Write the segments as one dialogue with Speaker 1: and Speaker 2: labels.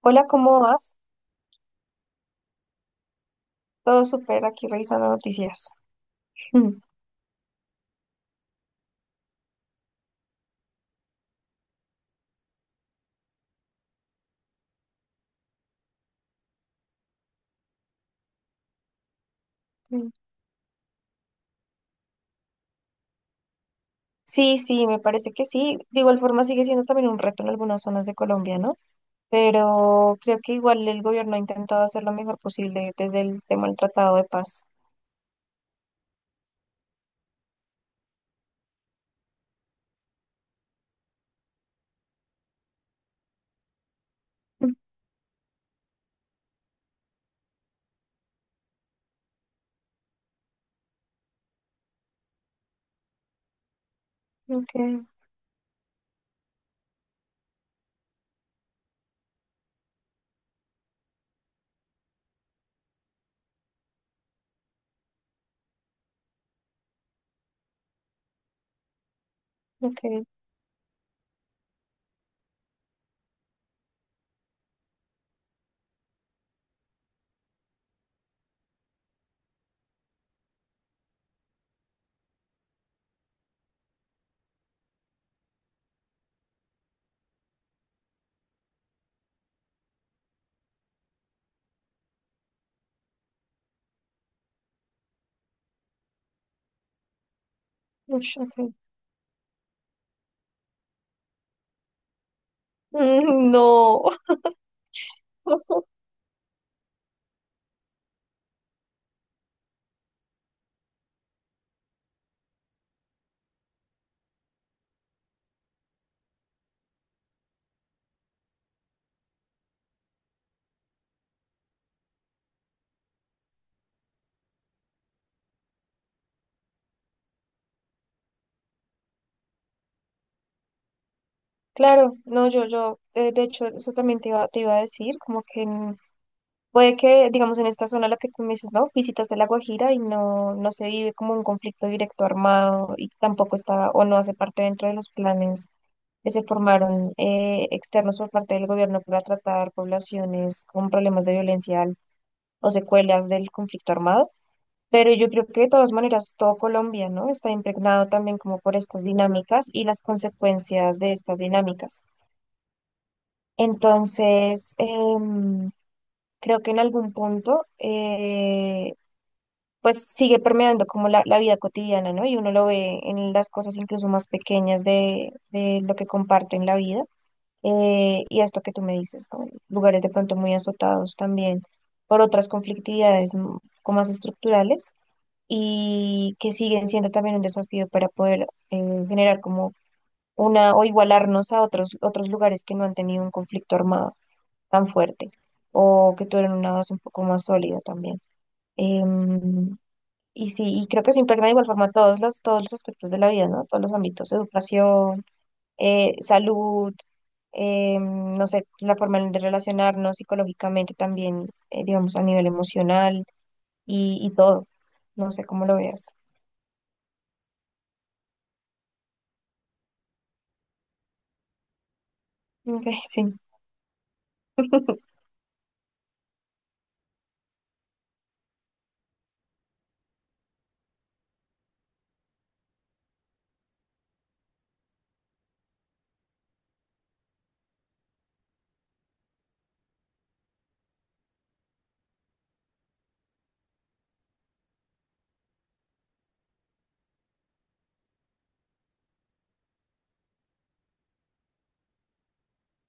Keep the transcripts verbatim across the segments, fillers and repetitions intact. Speaker 1: Hola, ¿cómo vas? Todo súper, aquí revisando noticias. Mm. Mm. Sí, sí, me parece que sí. De igual forma sigue siendo también un reto en algunas zonas de Colombia, ¿no? Pero creo que igual el gobierno ha intentado hacer lo mejor posible desde el tema del Tratado de Paz. Mm. Ok, ok, ush, ok. Mm. No. Claro, no, yo, yo, eh, de hecho, eso también te iba, te iba a decir, como que... mm, Puede que, digamos, en esta zona la que tú me dices, ¿no? Visitas de La Guajira y no, no se vive como un conflicto directo armado y tampoco está o no hace parte dentro de los planes que se formaron eh, externos por parte del gobierno para tratar poblaciones con problemas de violencia al- o secuelas del conflicto armado. Pero yo creo que de todas maneras todo Colombia, ¿no? Está impregnado también como por estas dinámicas y las consecuencias de estas dinámicas. Entonces, em, creo que en algún punto eh, pues sigue permeando como la, la vida cotidiana, ¿no? Y uno lo ve en las cosas incluso más pequeñas de, de lo que comparten la vida. Eh, y esto que tú me dices, ¿no? Lugares de pronto muy azotados también por otras conflictividades m- como más estructurales y que siguen siendo también un desafío para poder eh, generar como una o igualarnos a otros, otros lugares que no han tenido un conflicto armado tan fuerte o que tuvieron una base un poco más sólida también. Em, y sí, y creo que se impregna de igual forma todos los, todos los aspectos de la vida, ¿no? Todos los ámbitos, educación, eh, salud, eh, no sé, la forma en de relacionarnos psicológicamente también, eh, digamos, a nivel emocional y, y todo. No sé cómo lo veas. Ok, sí.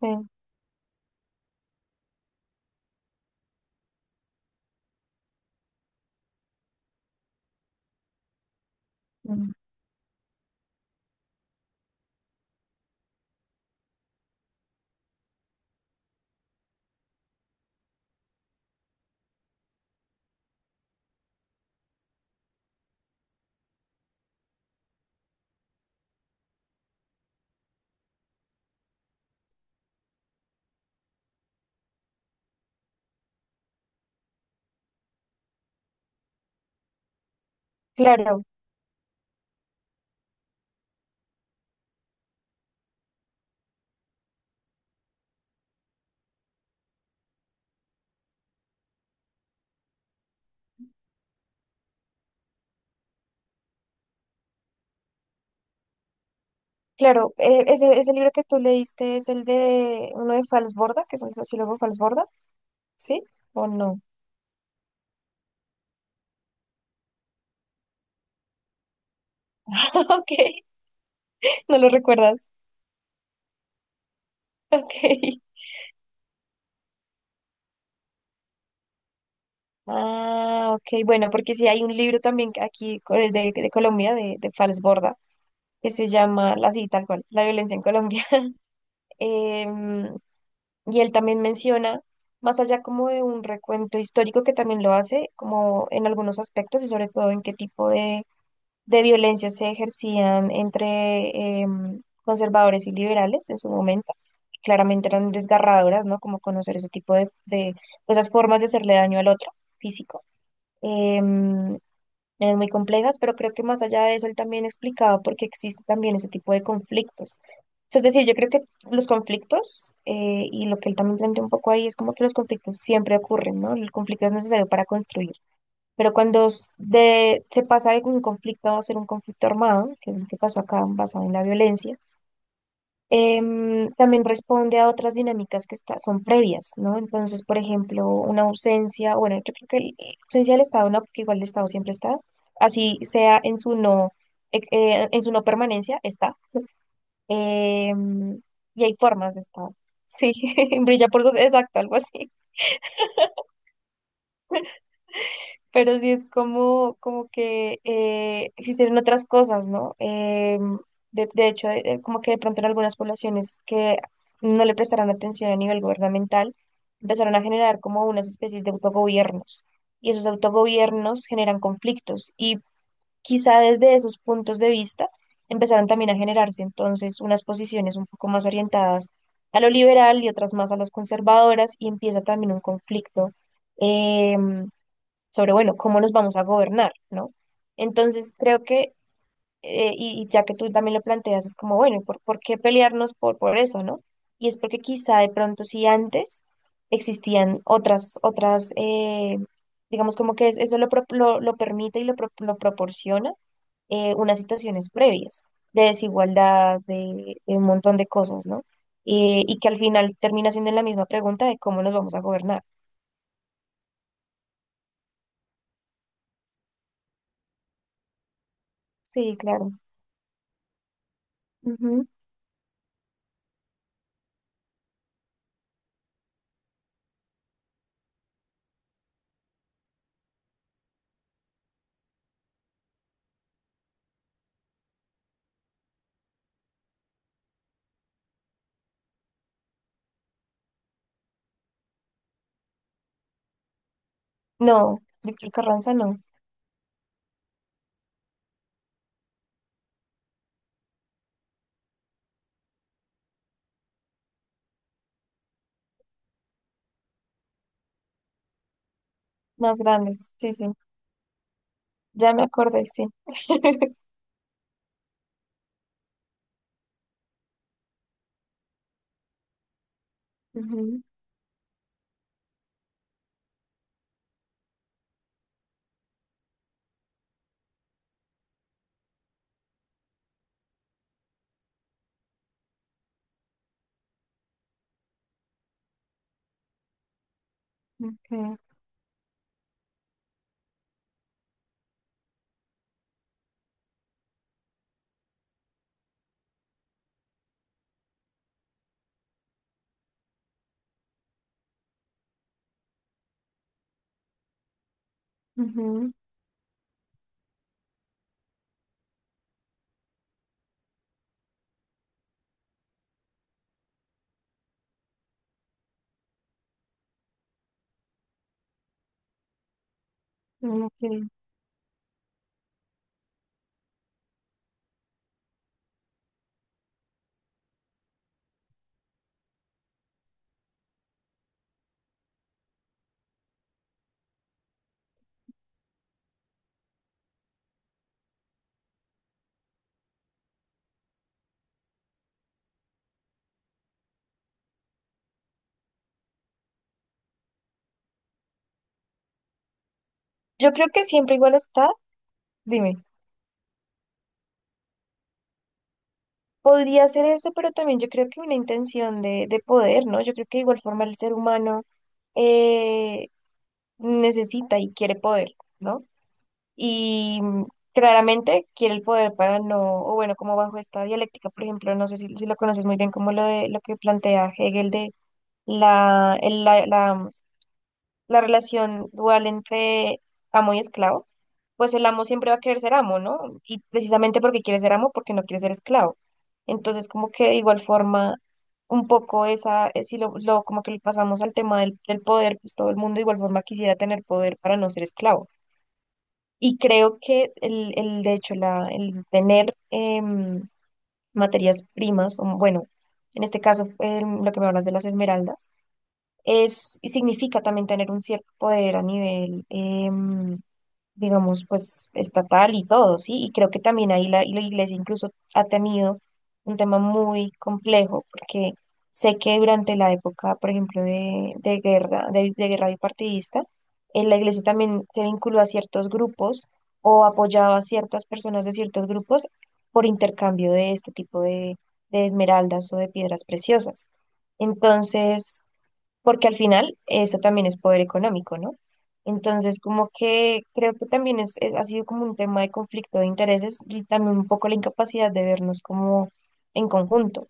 Speaker 1: Sí, mm. Claro, claro. Eh, ese, ese libro que tú leíste es el de uno de Fals Borda, que es un sociólogo Fals Borda, ¿sí? ¿O no? Ok, no lo recuerdas. Ok. Ah, ok, bueno, porque sí hay un libro también que aquí co- de, de Colombia, de, de Falsborda, que se llama, la sí, tal cual, La violencia en Colombia. Em, y él también menciona, más allá como de un recuento histórico que también lo hace, como en algunos aspectos y sobre todo en qué tipo de, de violencia se ejercían entre em, conservadores y liberales en su momento. Claramente eran desgarradoras, ¿no? Como conocer ese tipo de, de esas formas de hacerle daño al otro físico. Em, Eran muy complejas, pero creo que más allá de eso, él también explicaba por qué existe también ese tipo de conflictos. O sea, es decir, yo creo que los conflictos, eh, y lo que él también plantea un poco ahí, es como que los conflictos siempre ocurren, ¿no? El conflicto es necesario para construir, pero cuando s- de, se pasa de un conflicto a ser un conflicto armado, que es lo que pasó acá basado en la violencia, em, también responde a otras dinámicas que está- son previas, ¿no? Entonces, por ejemplo, una ausencia, bueno, yo creo que el- la ausencia del Estado no, porque igual el Estado siempre está, así sea en su no, eh, eh, en su no permanencia, está. Em, y hay formas de Estado. Sí, brilla por sus, exacto, algo así. Pero sí es como, como que eh, existieron otras cosas, ¿no? Eh, de, de hecho, eh, eh, como que de pronto en algunas poblaciones que no le prestaron atención a nivel gubernamental, empezaron a generar como unas especies de autogobiernos. Y esos autogobiernos generan conflictos. Y quizá desde esos puntos de vista empezaron también a generarse entonces unas posiciones un poco más orientadas a lo liberal y otras más a las conservadoras, y empieza también un conflicto. em, Sobre, bueno, cómo nos vamos a gobernar, ¿no? Entonces, creo que, eh, y, y ya que tú también lo planteas, es como, bueno, ¿por, por qué pelearnos por, por eso, ¿no? Y es porque quizá de pronto si antes existían otras, otras, eh, digamos como que es- eso lo, pro- lo, lo permite y lo, pro- lo proporciona eh, unas situaciones previas de desigualdad, de, de un montón de cosas, ¿no? Eh, y que al final termina siendo la misma pregunta de cómo nos vamos a gobernar. Sí, claro. No, Víctor Carranza no. Más grandes, sí, sí. Ya me acordé, sí. Ujú, ok, ujú, ok. Yo creo que siempre igual está, dime, podría ser eso, pero también yo creo que una intención de, de poder, ¿no? Yo creo que de igual forma el ser humano eh, necesita y quiere poder, ¿no? Y mm, claramente quiere el poder para no, o bueno, como bajo esta dialéctica, por ejemplo, no sé si, si lo conoces muy bien, como lo de lo que plantea Hegel de la, el- la, la, la relación dual entre amo y esclavo, pues el amo siempre va a querer ser amo, ¿no? Y precisamente porque quiere ser amo, porque no quiere ser esclavo. Entonces, como que de igual forma, un poco esa, eh, si lo, lo- como que lo pasamos al tema del, del poder, pues todo el mundo de igual forma quisiera tener poder para no ser esclavo. Y creo que el, el de hecho, la, el tener em, materias primas, o bueno, en este caso, em, lo que me hablas de las esmeraldas, es, y significa también tener un cierto poder a nivel, em, digamos, pues estatal y todo, ¿sí? Y creo que también ahí la, y la iglesia incluso ha tenido un tema muy complejo, porque sé que durante la época, por ejemplo, de, de guerra, de, de guerra bipartidista, eh, la iglesia también se vinculó a ciertos grupos o apoyaba a ciertas personas de ciertos grupos por intercambio de este tipo de, de esmeraldas o de piedras preciosas. Entonces, porque al final eso también es poder económico, ¿no? Entonces, como que creo que también es, es- ha sido como un tema de conflicto de intereses y también un poco la incapacidad de vernos como en conjunto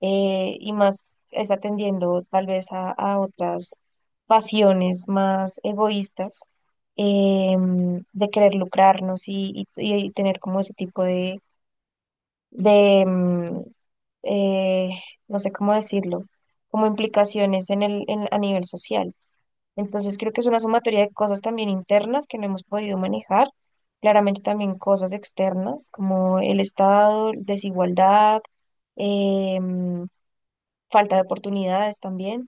Speaker 1: eh, y más es atendiendo tal vez a, a otras pasiones más egoístas em, de querer lucrarnos y, y- y tener como ese tipo de, de em, eh, no sé cómo decirlo, como implicaciones en el, en- a nivel social. Entonces creo que es una sumatoria de cosas también internas que no hemos podido manejar, claramente también cosas externas como el Estado, desigualdad, em, falta de oportunidades también,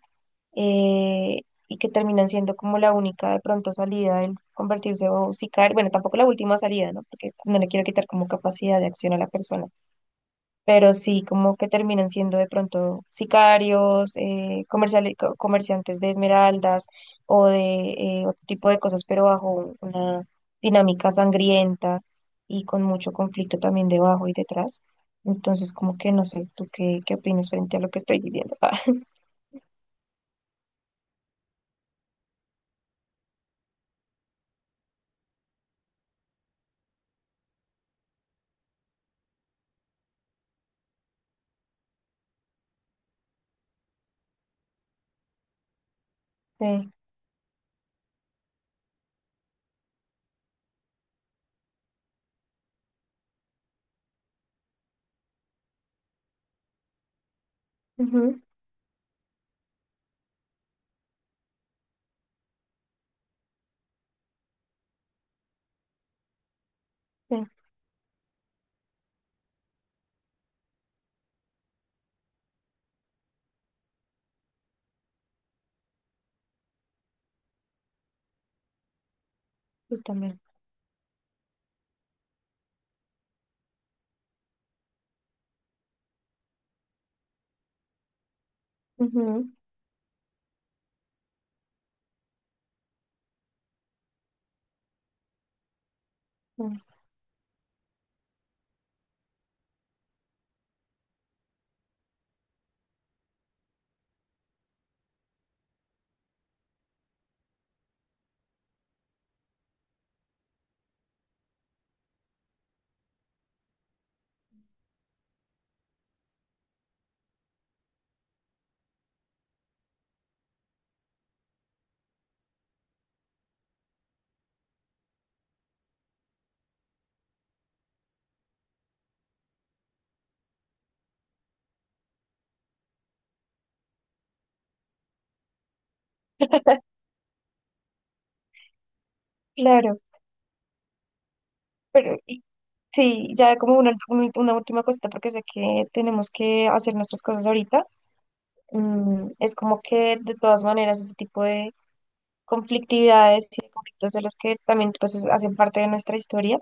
Speaker 1: eh, y que terminan siendo como la única de pronto salida, el convertirse o si caer, bueno, tampoco la última salida, ¿no? Porque no le quiero quitar como capacidad de acción a la persona pero sí como que terminan siendo de pronto sicarios, eh, comerciali- co- comerciantes de esmeraldas o de eh, otro tipo de cosas, pero bajo una dinámica sangrienta y con mucho conflicto también debajo y detrás. Entonces, como que no sé, ¿tú qué, qué opinas frente a lo que estoy diciendo? Sí, ujú, sí, yo también. Ujú, ujú. Claro, pero y- sí, ya como una, ult- un- una última cosita, porque sé que tenemos que hacer nuestras cosas ahorita. Mm, es como que de todas maneras ese tipo de conflictividades y de conflictos de los que también pues es- hacen parte de nuestra historia,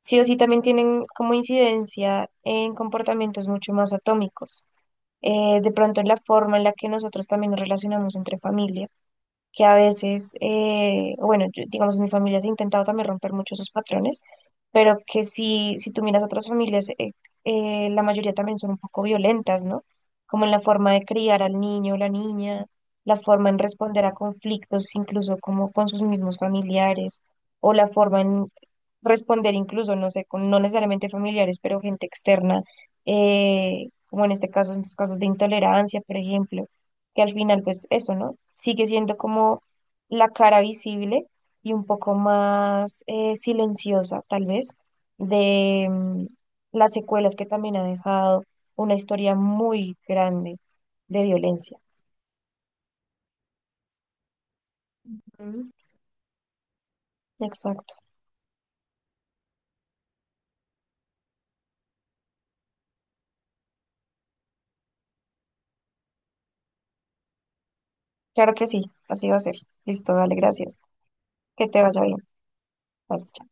Speaker 1: sí o sí también tienen como incidencia en comportamientos mucho más atómicos. Eh, de pronto en la forma en la que nosotros también nos relacionamos entre familias que a veces, eh, bueno, yo- digamos, en mi familia se ha intentado también romper muchos esos patrones, pero que si, si tú miras otras familias, eh, eh, la mayoría también son un poco violentas, ¿no? Como en la forma de criar al niño o la niña, la forma en responder a conflictos, incluso como con sus mismos familiares, o la forma en responder incluso, no sé, con no necesariamente familiares, pero gente externa, eh, como en este caso, en estos casos de intolerancia, por ejemplo que al final, pues eso, ¿no? Sigue siendo como la cara visible y un poco más eh, silenciosa, tal vez, de mm, las secuelas que también ha dejado una historia muy grande de violencia. Ujú. Exacto. Claro que sí, así va a ser. Listo, dale, gracias. Que te vaya bien. Bye.